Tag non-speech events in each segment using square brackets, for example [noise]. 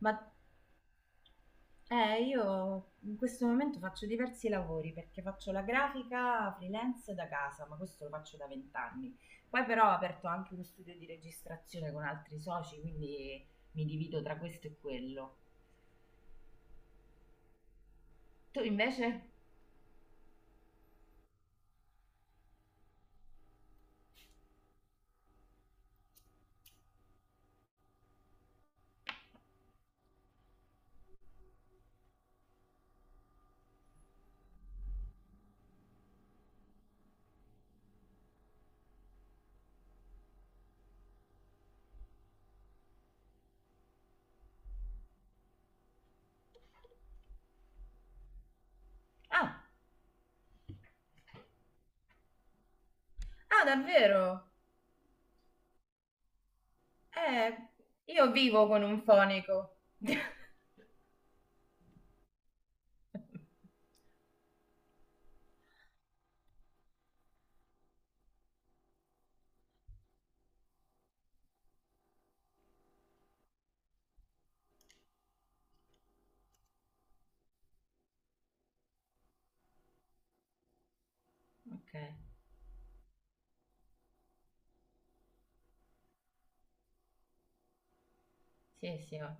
Ma io in questo momento faccio diversi lavori perché faccio la grafica freelance da casa, ma questo lo faccio da vent'anni. Poi però ho aperto anche uno studio di registrazione con altri soci, quindi mi divido tra questo e quello. Tu invece? Ah, ah, davvero? Eh, io vivo con un fonico. [laughs] Ok, sì, sì, ho,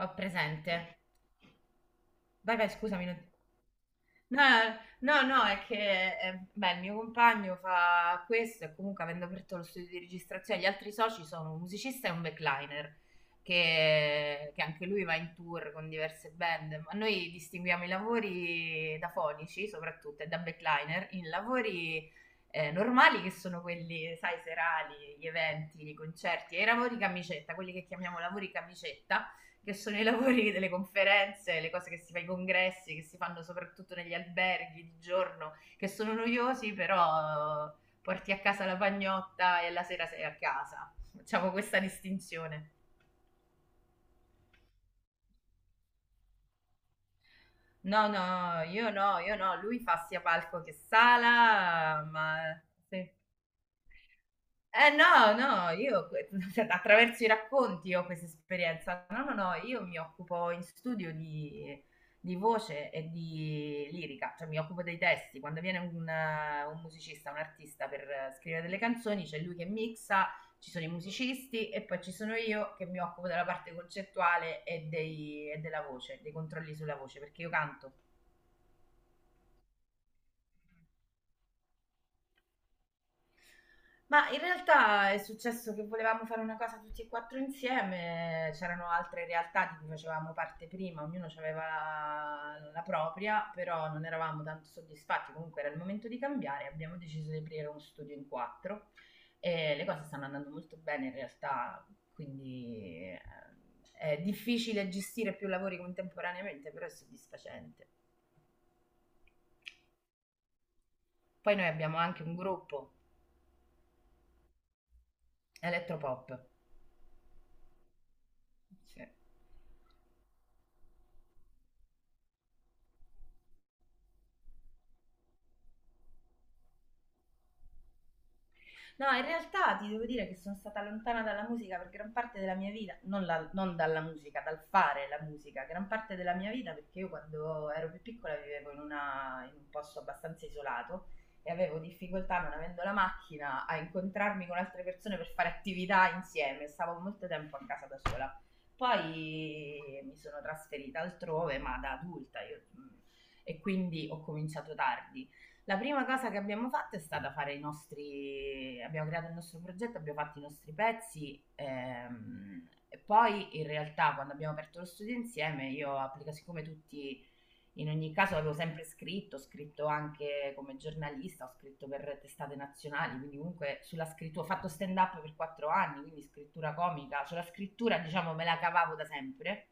ho presente. Vai, vai, scusami. No, no, no, è che beh, il mio compagno fa questo e comunque avendo aperto lo studio di registrazione, gli altri soci sono un musicista e un backliner, che anche lui va in tour con diverse band, ma noi distinguiamo i lavori da fonici soprattutto e da backliner in lavori normali che sono quelli, sai, serali, gli eventi, i concerti e i lavori camicetta, quelli che chiamiamo lavori camicetta che sono i lavori [laughs] delle conferenze, le cose che si fa ai congressi, che si fanno soprattutto negli alberghi di giorno, che sono noiosi, però porti a casa la pagnotta e la sera sei a casa. Facciamo questa distinzione. No, no, io no, lui fa sia palco che sala, ma sì. Eh no, no, io que [laughs] attraverso i racconti ho questa esperienza. No, no, no, io mi occupo in studio di voce e di lirica, cioè mi occupo dei testi. Quando viene un musicista, un artista per scrivere delle canzoni, c'è lui che mixa, ci sono i musicisti e poi ci sono io che mi occupo della parte concettuale e dei e della voce, dei controlli sulla voce, perché io canto. Ma in realtà è successo che volevamo fare una cosa tutti e 4 insieme, c'erano altre realtà di cui facevamo parte prima, ognuno aveva la propria, però non eravamo tanto soddisfatti, comunque era il momento di cambiare, abbiamo deciso di aprire uno studio in quattro e le cose stanno andando molto bene in realtà, quindi eh, è difficile gestire più lavori contemporaneamente, però è soddisfacente. Poi noi abbiamo anche un gruppo, Elettropop. Sì. No, in realtà ti devo dire che sono stata lontana dalla musica per gran parte della mia vita, non dalla musica, dal fare la musica, gran parte della mia vita perché io quando ero più piccola vivevo in un posto abbastanza isolato e avevo difficoltà, non avendo la macchina, a incontrarmi con altre persone per fare attività insieme, stavo molto tempo a casa da sola. Poi mi sono trasferita altrove, ma da adulta, e quindi ho cominciato tardi. La prima cosa che abbiamo fatto è stata fare i nostri, abbiamo creato il nostro progetto, abbiamo fatto i nostri pezzi e poi in realtà quando abbiamo aperto lo studio insieme io ho applicato, siccome tutti in ogni caso avevo sempre scritto, ho scritto anche come giornalista, ho scritto per testate nazionali, quindi comunque sulla scrittura, ho fatto stand up per quattro anni, quindi scrittura comica, sulla scrittura diciamo me la cavavo da sempre.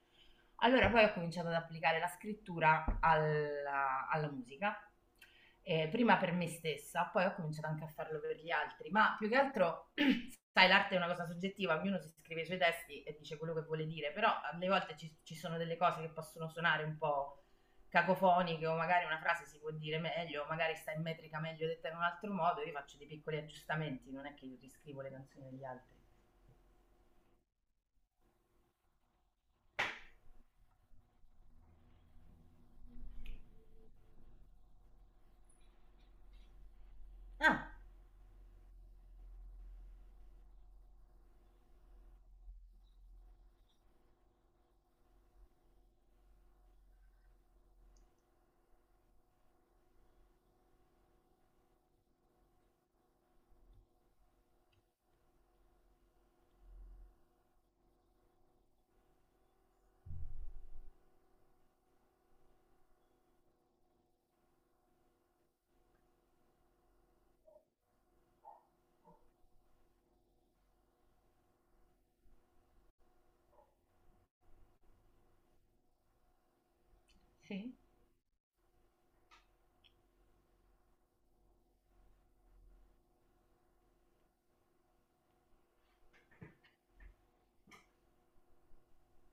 Allora poi ho cominciato ad applicare la scrittura alla musica prima per me stessa, poi ho cominciato anche a farlo per gli altri, ma più che altro, sai, l'arte è una cosa soggettiva, ognuno si scrive i suoi testi e dice quello che vuole dire, però alle volte ci sono delle cose che possono suonare un po' cacofoniche o magari una frase si può dire meglio, o magari sta in metrica meglio detta in un altro modo, io faccio dei piccoli aggiustamenti, non è che io riscrivo le canzoni degli altri. Ah, sì.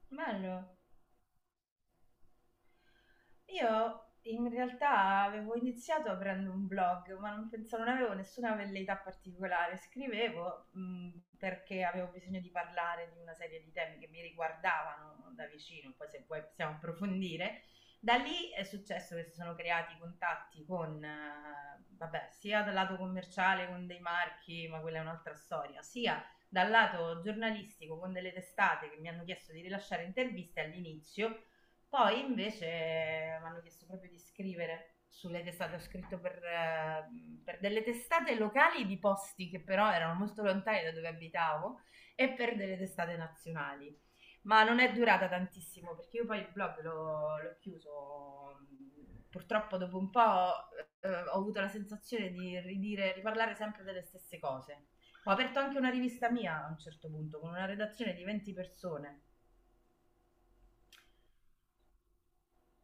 Bello. Io in realtà avevo iniziato aprendo un blog, ma non pensavo, non avevo nessuna velleità particolare. Scrivevo, perché avevo bisogno di parlare di una serie di temi che mi riguardavano da vicino, poi se vuoi possiamo approfondire. Da lì è successo che si sono creati contatti con, vabbè, sia dal lato commerciale con dei marchi, ma quella è un'altra storia, sia dal lato giornalistico con delle testate che mi hanno chiesto di rilasciare interviste all'inizio, poi invece mi hanno chiesto proprio di scrivere sulle testate, ho scritto per delle testate locali di posti che però erano molto lontani da dove abitavo e per delle testate nazionali. Ma non è durata tantissimo perché io poi il blog l'ho chiuso. Purtroppo dopo un po' ho avuto la sensazione di ridire, riparlare sempre delle stesse cose. Ho aperto anche una rivista mia a un certo punto con una redazione di 20 persone.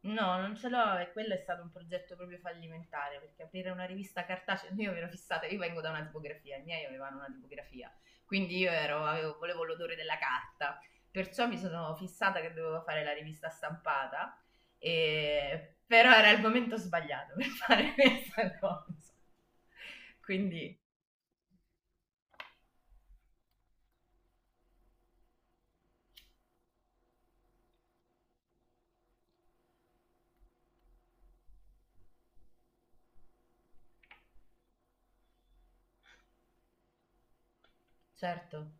No, non ce l'ho e quello è stato un progetto proprio fallimentare perché aprire una rivista cartacea, [laughs] io mi ero fissata, io vengo da una tipografia, i miei avevano una tipografia, quindi volevo l'odore della carta, perciò mi sono fissata che dovevo fare la rivista stampata, però era il momento sbagliato per [laughs] fare questa cosa. Quindi, certo.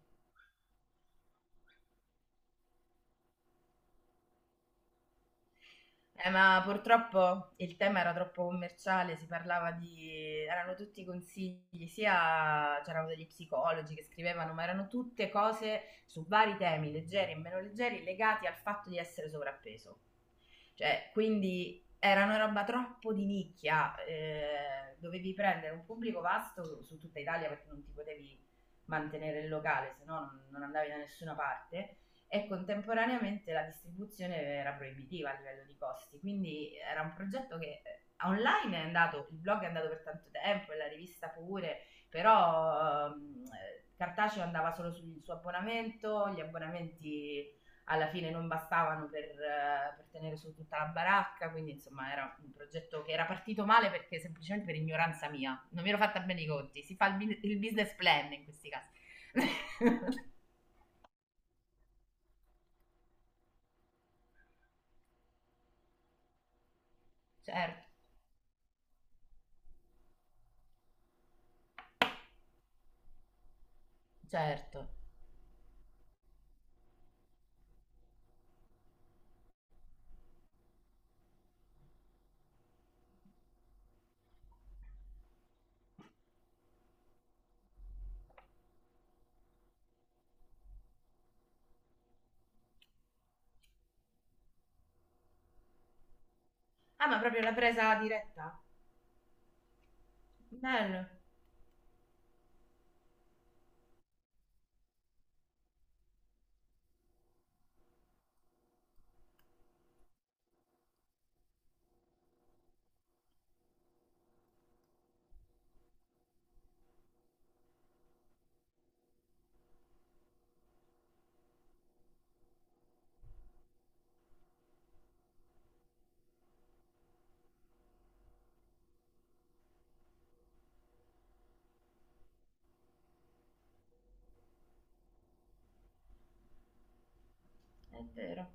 Ma purtroppo il tema era troppo commerciale, si parlava di... erano tutti consigli, sia c'erano degli psicologi che scrivevano, ma erano tutte cose su vari temi, leggeri e meno leggeri, legati al fatto di essere sovrappeso. Cioè, quindi era una roba troppo di nicchia, dovevi prendere un pubblico vasto su tutta Italia perché non ti potevi mantenere il locale, se no non andavi da nessuna parte e contemporaneamente la distribuzione era proibitiva a livello di costi, quindi era un progetto che online è andato, il blog è andato per tanto tempo e la rivista pure, però cartaceo andava solo sul suo abbonamento, gli abbonamenti alla fine non bastavano per tenere su tutta la baracca, quindi insomma era un progetto che era partito male perché semplicemente per ignoranza mia, non mi ero fatta bene i conti, si fa il business plan in questi casi. [laughs] Certo, certo. Ah, ma proprio la presa diretta? Bello, è vero.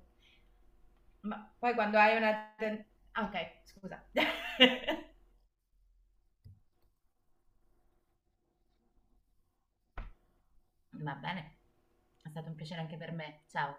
Ma poi quando hai una... Ah, ok, scusa. [laughs] Va bene, è stato un piacere anche per me, ciao.